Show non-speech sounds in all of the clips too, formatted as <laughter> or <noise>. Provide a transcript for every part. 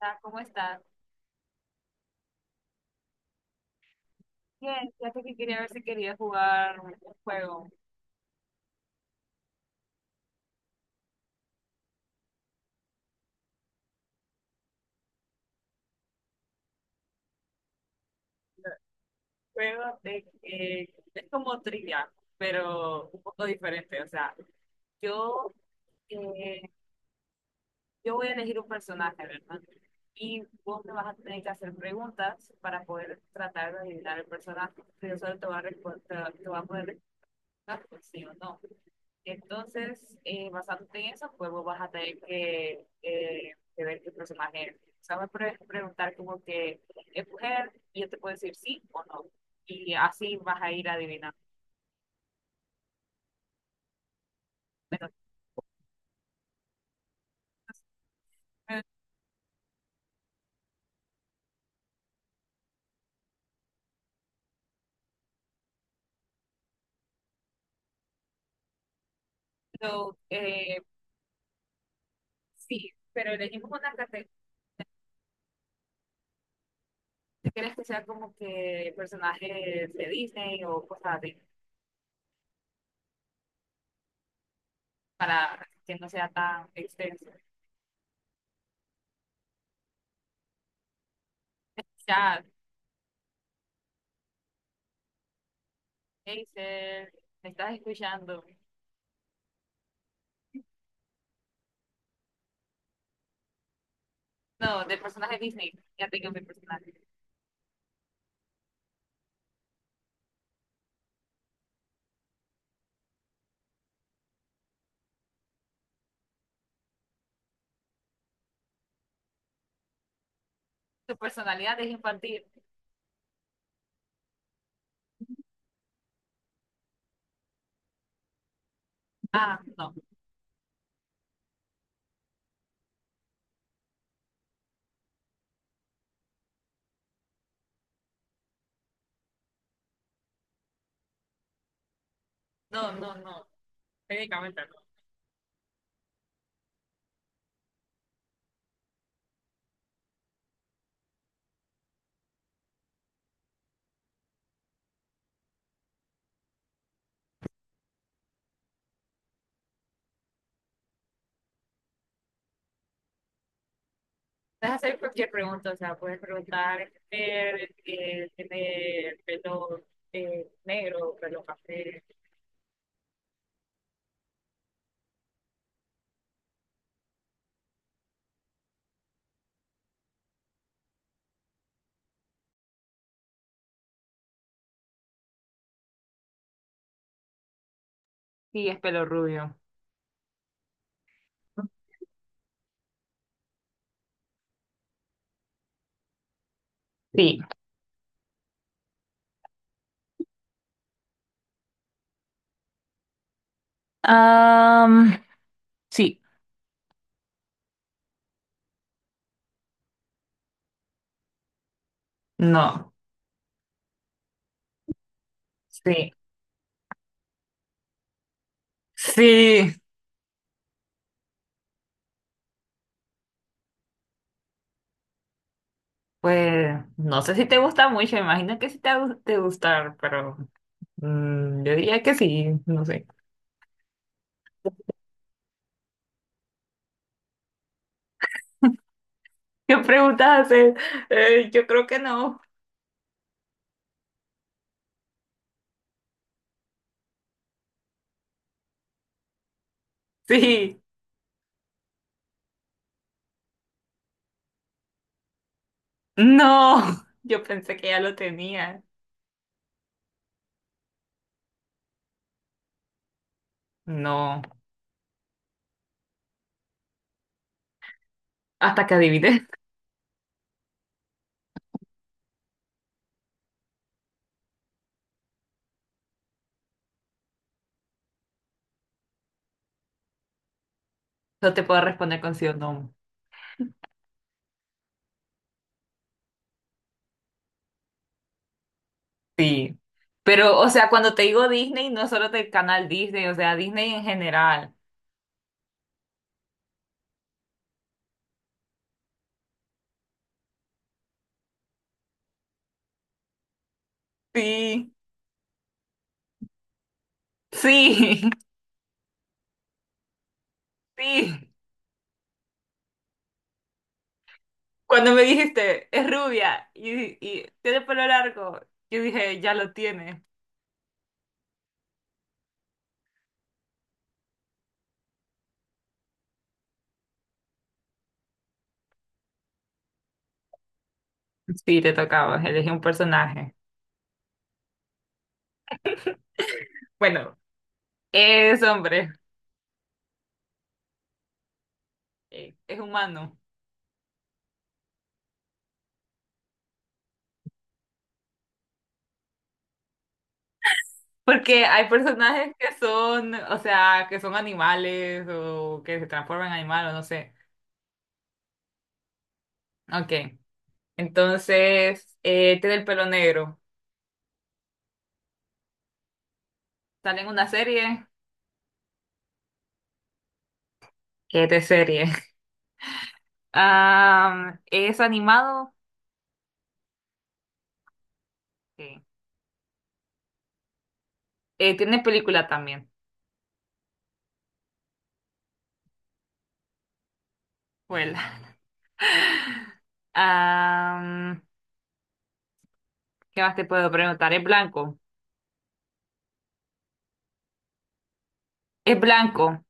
¿Cómo estás? Bien, fíjate que quería ver si quería jugar un juego. Un juego de, es como trivia, pero un poco diferente. O sea, yo, eh, yo voy a elegir un personaje, ¿verdad? Y vos me vas a tener que hacer preguntas para poder tratar de adivinar el personaje. Pero solo te va a, te va a poder responder pues, sí o no. Entonces, basándote en eso, pues vos vas a tener que ver qué personaje eres. O sea, me puedes preguntar como que es mujer y yo te puedo decir sí o no. Y así vas a ir adivinando. Bueno, pero, sí, pero elegimos una categoría. ¿Quieres que sea como que personajes de Disney o cosas así? Para que no sea tan extenso. Chat, Acer, ¿me estás escuchando? No, de personaje Disney. Ya tengo mi personaje. Su personalidad es infantil. Ah, no, técnicamente no. Puedes hacer cualquier pregunta, o sea, puedes preguntar, ¿tiene pelo negro, pelo café? Sí, es pelo rubio. Sí. Am, sí. No. Sí. Sí. Pues no sé si te gusta mucho, imagino que sí te va a gustar, pero yo diría que sí, no sé. ¿Qué preguntas haces? Yo creo que no. Sí. No, <laughs> yo pensé que ya lo tenía. No, hasta que adivines, <laughs> no te puedo responder con sí o no. Sí. Pero, o sea, cuando te digo Disney, no solo del canal Disney, o sea, Disney en general. Sí, sí, <laughs> sí. Cuando me dijiste, es rubia y tiene pelo largo, yo dije, ya lo tiene. Sí, te tocaba, elegí un personaje. Bueno, es hombre, es humano. Porque hay personajes que son, o sea, que son animales o que se transforman en animal o no sé. Ok. Entonces, tiene el pelo negro. Sale en una serie. ¿Qué de serie? <laughs> ¿Es animado? Sí. Tiene película también. Huela. Am, ¿Qué más te puedo preguntar? ¿Es blanco? Es blanco.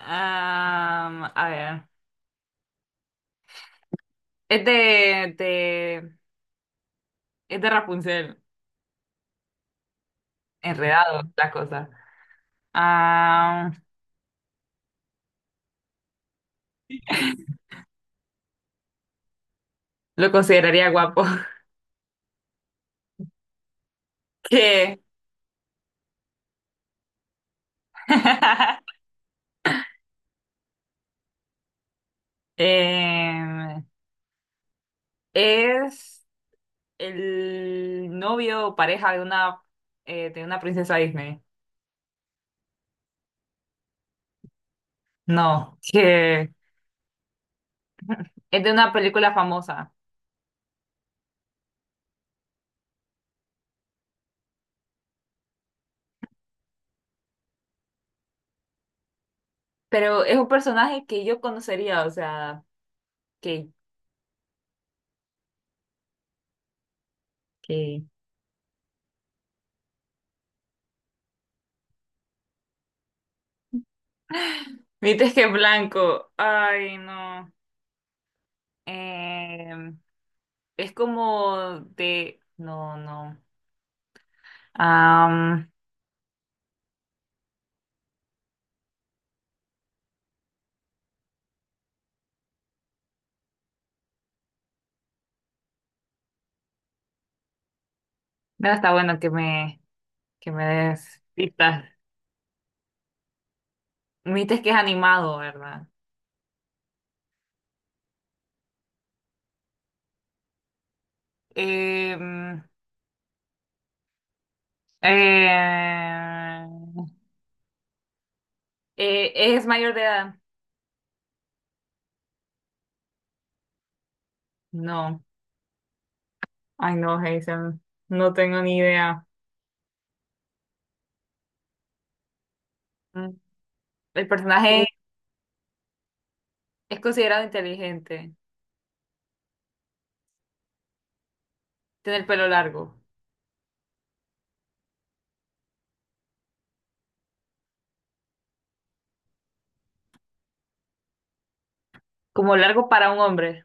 A ver. Es es de Rapunzel. Enredado, la cosa. Ah, lo consideraría guapo, <laughs> que <laughs> em, es el novio o pareja de una princesa Disney. No, que es de una película famosa, pero es un personaje que yo conocería, o sea, que, que... Viste que es blanco, ay no, Em, es como de, no, no, Am, no está bueno que me des pistas. Me dijiste que es animado, ¿verdad? Eh, mm, eh, ¿Es mayor de edad? No. Ay, no, Jason. No tengo ni idea. Mm, El personaje sí. Es considerado inteligente. Tiene el pelo largo. Como largo para un hombre.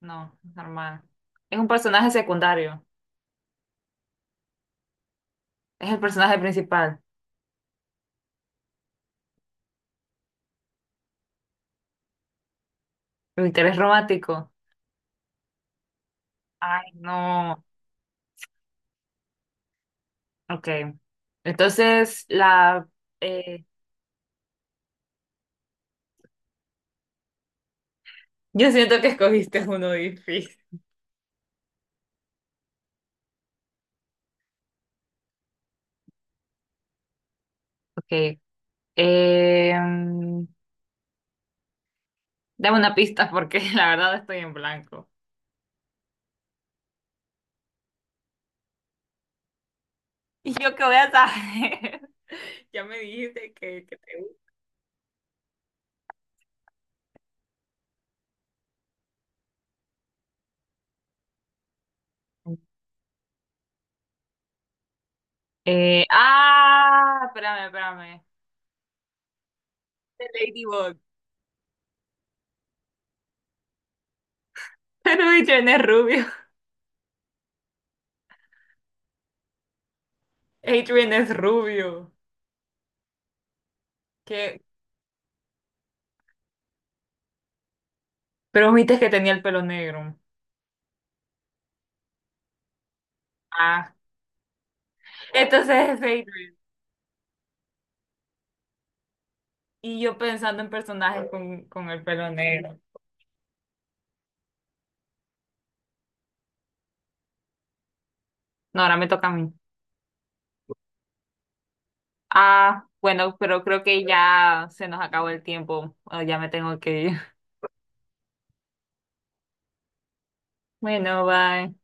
No, normal. Es un personaje secundario. Es el personaje principal. El interés romántico. Ay, no. Ok. Entonces, la... eh, yo siento que escogiste uno difícil. Ok. Em, dame una pista porque <laughs> la verdad estoy en blanco. ¿Y yo qué voy a saber? <laughs> Ya me dijiste que te gusta. Espérame, espérame. The Ladybug. <laughs> Pero Adrian es rubio. Adrian es rubio. ¿Qué? Pero viste que tenía el pelo negro. Ah, entonces es Adrian. Y yo pensando en personajes con el pelo negro. No, ahora me toca a mí. Ah, bueno, pero creo que ya se nos acabó el tiempo. Ah, ya me tengo que ir. <laughs> Bueno, bye.